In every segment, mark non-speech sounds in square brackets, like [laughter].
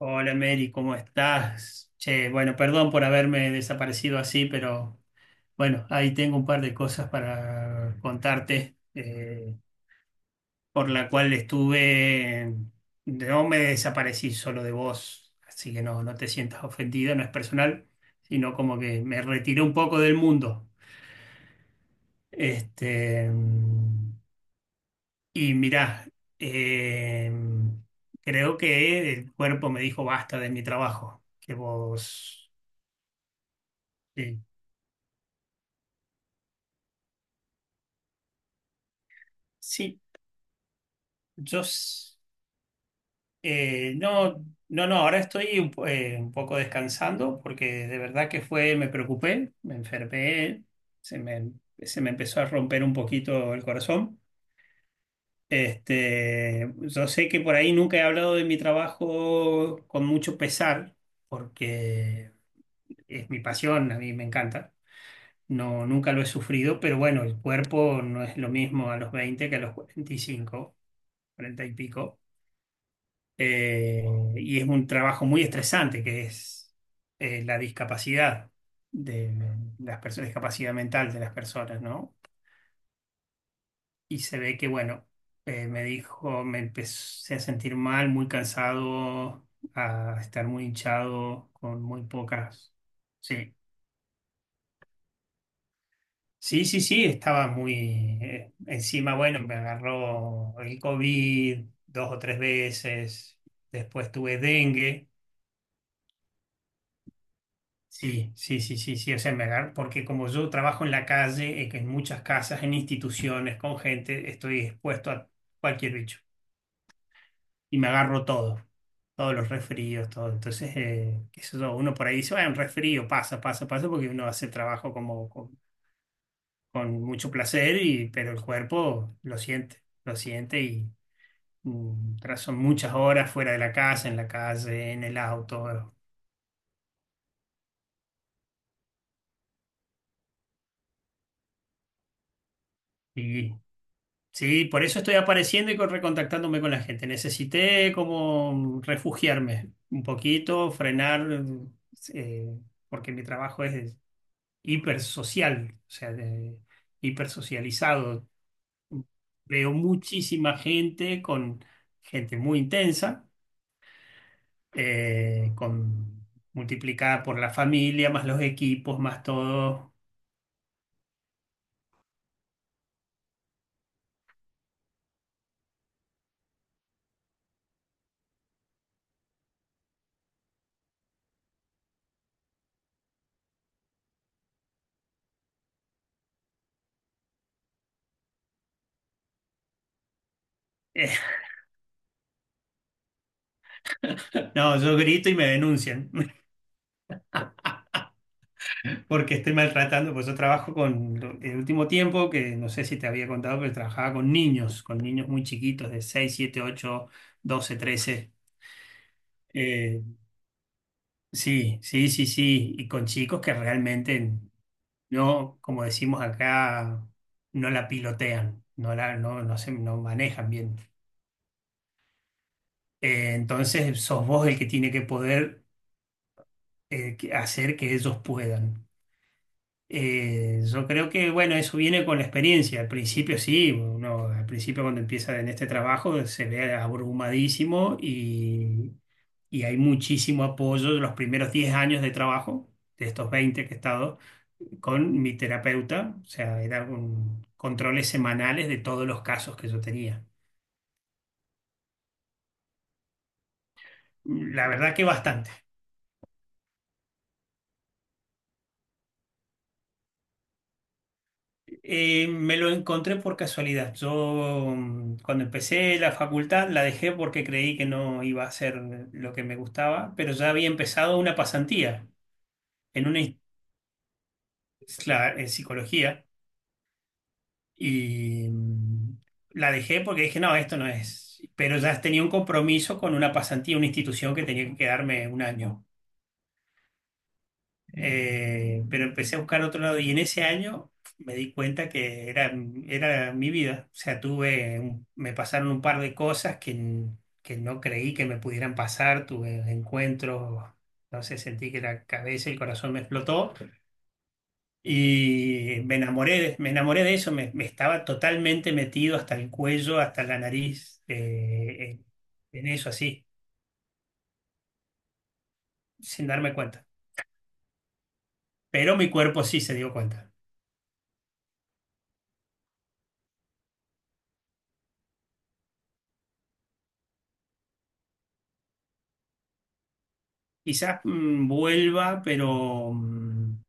Hola Mary, ¿cómo estás? Che, bueno, perdón por haberme desaparecido así, pero bueno, ahí tengo un par de cosas para contarte, por la cual estuve, no me desaparecí solo de vos, así que no, no te sientas ofendida, no es personal, sino como que me retiré un poco del mundo. Este, y mirá, eh, creo que el cuerpo me dijo basta de mi trabajo, que vos... Sí. Sí, yo s- no, no, no, ahora estoy un poco descansando porque de verdad que fue, me preocupé, me enfermé, se me, se me empezó a romper un poquito el corazón. Este, yo sé que por ahí nunca he hablado de mi trabajo con mucho pesar porque es mi pasión, a mí me encanta. No, nunca lo he sufrido, pero bueno, el cuerpo no es lo mismo a los 20 que a los 45, 40 y pico. eh, y es un trabajo muy estresante, que es la discapacidad de las personas, discapacidad mental de las personas, ¿no? Y se ve que, bueno, me dijo, me empecé a sentir mal, muy cansado, a estar muy hinchado, con muy pocas. Sí. Sí, sí, sí, estaba muy encima, bueno, me agarró el COVID dos o tres veces, después tuve dengue. Sí, sí, sí, sí, sí, o sea, porque como yo trabajo en la calle, que en muchas casas, en instituciones, con gente, estoy expuesto a cualquier bicho y me agarro todo, todos los resfríos, todo. Entonces, qué sé yo, uno por ahí dice, bueno, un resfrío pasa, pasa, pasa, porque uno hace trabajo como con mucho placer, y, pero el cuerpo lo siente y tras son muchas horas fuera de la casa, en la calle, en el auto, y. Sí, por eso estoy apareciendo y recontactándome con la gente. Necesité como refugiarme un poquito, frenar, eh, porque mi trabajo es hipersocial, o sea, hipersocializado. Veo muchísima gente con gente muy intensa, con multiplicada por la familia, más los equipos, más todo. [laughs] No, yo grito y me denuncian. Porque estoy maltratando, pues yo trabajo con, el último tiempo, que no sé si te había contado, pero trabajaba con niños muy chiquitos, de 6, 7, 8, 12, 13. Eh, sí, sí, sí, sí, y con chicos que realmente no, como decimos acá, no la pilotean, no, no manejan bien. Entonces sos vos el que tiene que poder hacer que ellos puedan. Yo creo que, bueno, eso viene con la experiencia. Al principio sí, uno al principio cuando empieza en este trabajo se ve abrumadísimo y hay muchísimo apoyo de los primeros 10 años de trabajo, de estos 20 que he estado, con mi terapeuta. O sea, eran controles semanales de todos los casos que yo tenía. La verdad que me lo encontré por casualidad. Yo cuando empecé la facultad la dejé porque creí que no iba a ser lo que me gustaba, pero ya había empezado una pasantía en una ins- cla- en psicología y la dejé porque dije, no, esto no es. Pero ya tenía un compromiso con una pasantía, una institución que tenía que quedarme un año. Pero empecé a buscar otro lado y en ese año me di cuenta que era mi vida. O sea, me pasaron un par de cosas que, que no creí que me pudieran pasar. Tuve encuentros, no sé, sentí que la cabeza y el corazón me explotó y me enamoré, me enamoré de eso. Me estaba totalmente metido hasta el cuello, hasta la nariz, en eso así, sin darme cuenta. Pero mi cuerpo sí se dio cuenta. Quizás vuelva, pero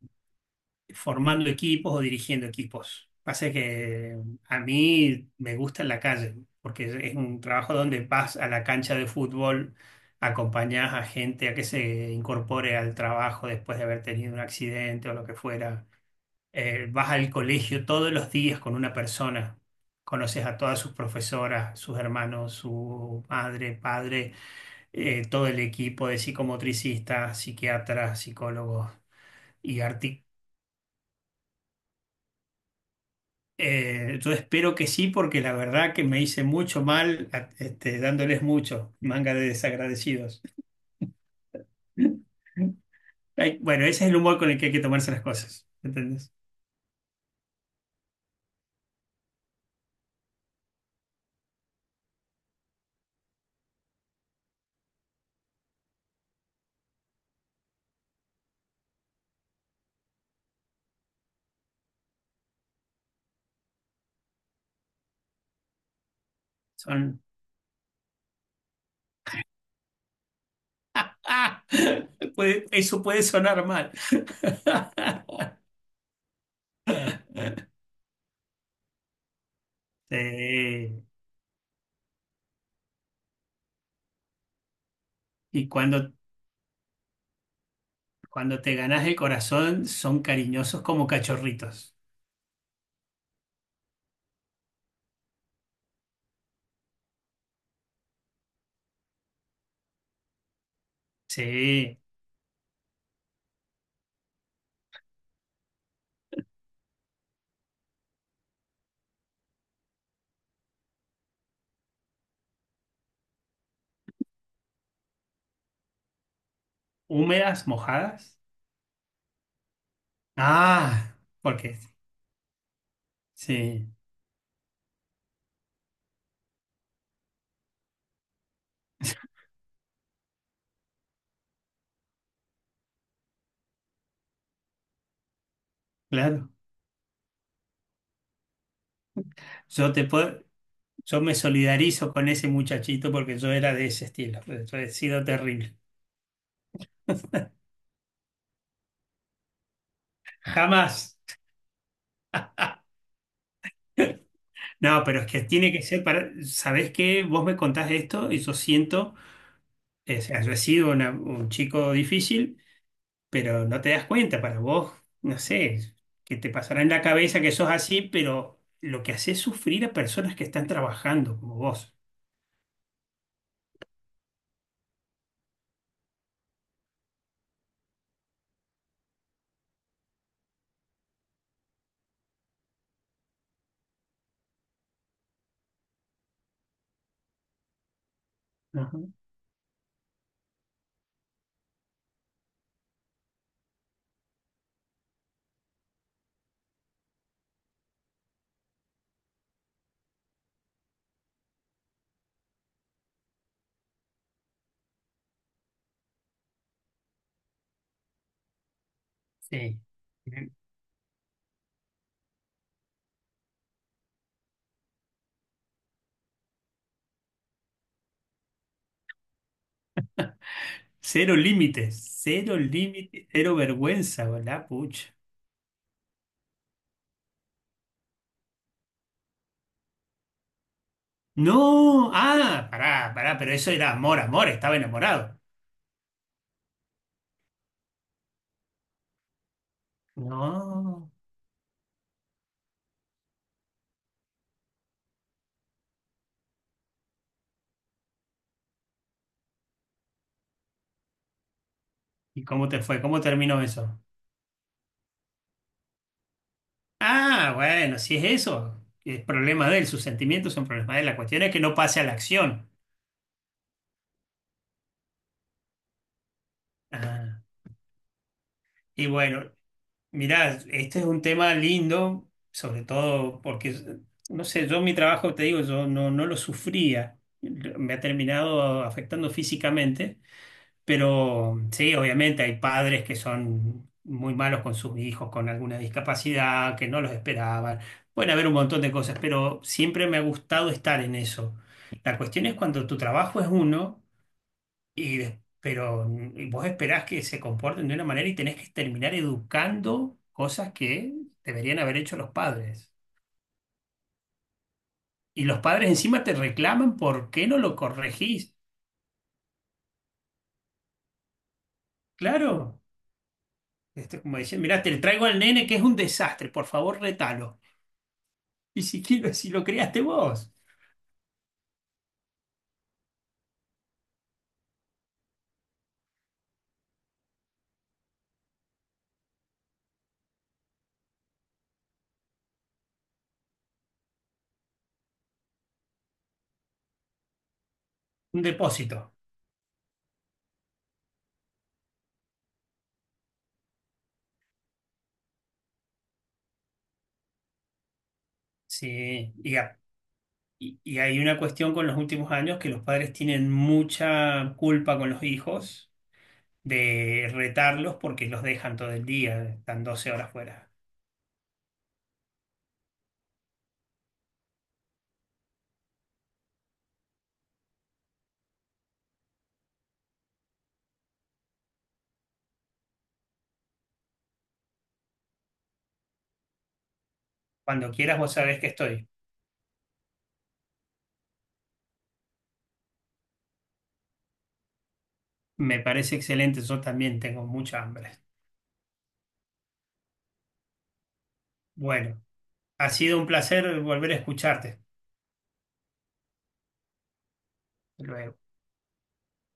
formando equipos o dirigiendo equipos. Pasa que a mí me gusta en la calle, porque es un trabajo donde vas a la cancha de fútbol, acompañás a gente a que se incorpore al trabajo después de haber tenido un accidente o lo que fuera. Vas al colegio todos los días con una persona, conoces a todas sus profesoras, sus hermanos, su madre, padre, todo el equipo de psicomotricistas, psiquiatras, psicólogos y arti yo espero que sí, porque la verdad que me hice mucho mal, este, dándoles mucho, manga de desagradecidos. [laughs] Ay, bueno, ese es el humor con el que hay que tomarse las cosas, ¿entendés? Son... ¡Ah! [laughs] Eso puede sonar mal. [laughs] Sí. Y cuando te ganas el corazón, son cariñosos como cachorritos. Sí. ¿Húmedas, mojadas? Ah, porque sí, [laughs] claro. Yo te puedo, yo me solidarizo con ese muchachito porque yo era de ese estilo. Yo he sido terrible. Jamás. No, pero es que tiene que ser para. ¿Sabés qué? Vos me contás esto y yo siento, o sea, yo he sido un chico difícil, pero no te das cuenta. Para vos, no sé, que te pasará en la cabeza que sos así, pero lo que haces es sufrir a personas que están trabajando como vos. Ajá. Sí. Cero límites, cero límites, cero vergüenza, ¿verdad? Pucha. No, ah, pará, pará, pero eso era amor, amor, estaba enamorado. No. ¿Y cómo te fue? ¿Cómo terminó eso? Ah, bueno, si es eso, es problema de él, sus sentimientos son problemas de él, la cuestión es que no pase a la acción. Ah, y bueno, mirá, este es un tema lindo, sobre todo porque, no sé, yo mi trabajo, te digo, yo no, no lo sufría, me ha terminado afectando físicamente. Pero sí, obviamente hay padres que son muy malos con sus hijos, con alguna discapacidad, que no los esperaban. Pueden haber un montón de cosas, pero siempre me ha gustado estar en eso. La cuestión es cuando tu trabajo es uno, y, pero vos esperás que se comporten de una manera y tenés que terminar educando cosas que deberían haber hecho los padres. Y los padres encima te reclaman por qué no lo corregís. Claro, esto es como dicen, mirá, te traigo al nene que es un desastre, por favor, retalo. [laughs] Y si, si lo creaste vos, un depósito. Sí, y, a- y hay una cuestión con los últimos años que los padres tienen mucha culpa con los hijos de retarlos porque los dejan todo el día, están 12 horas fuera. Cuando quieras, vos sabés que estoy. Me parece excelente, yo también tengo mucha hambre. Bueno, ha sido un placer volver a escucharte. Luego.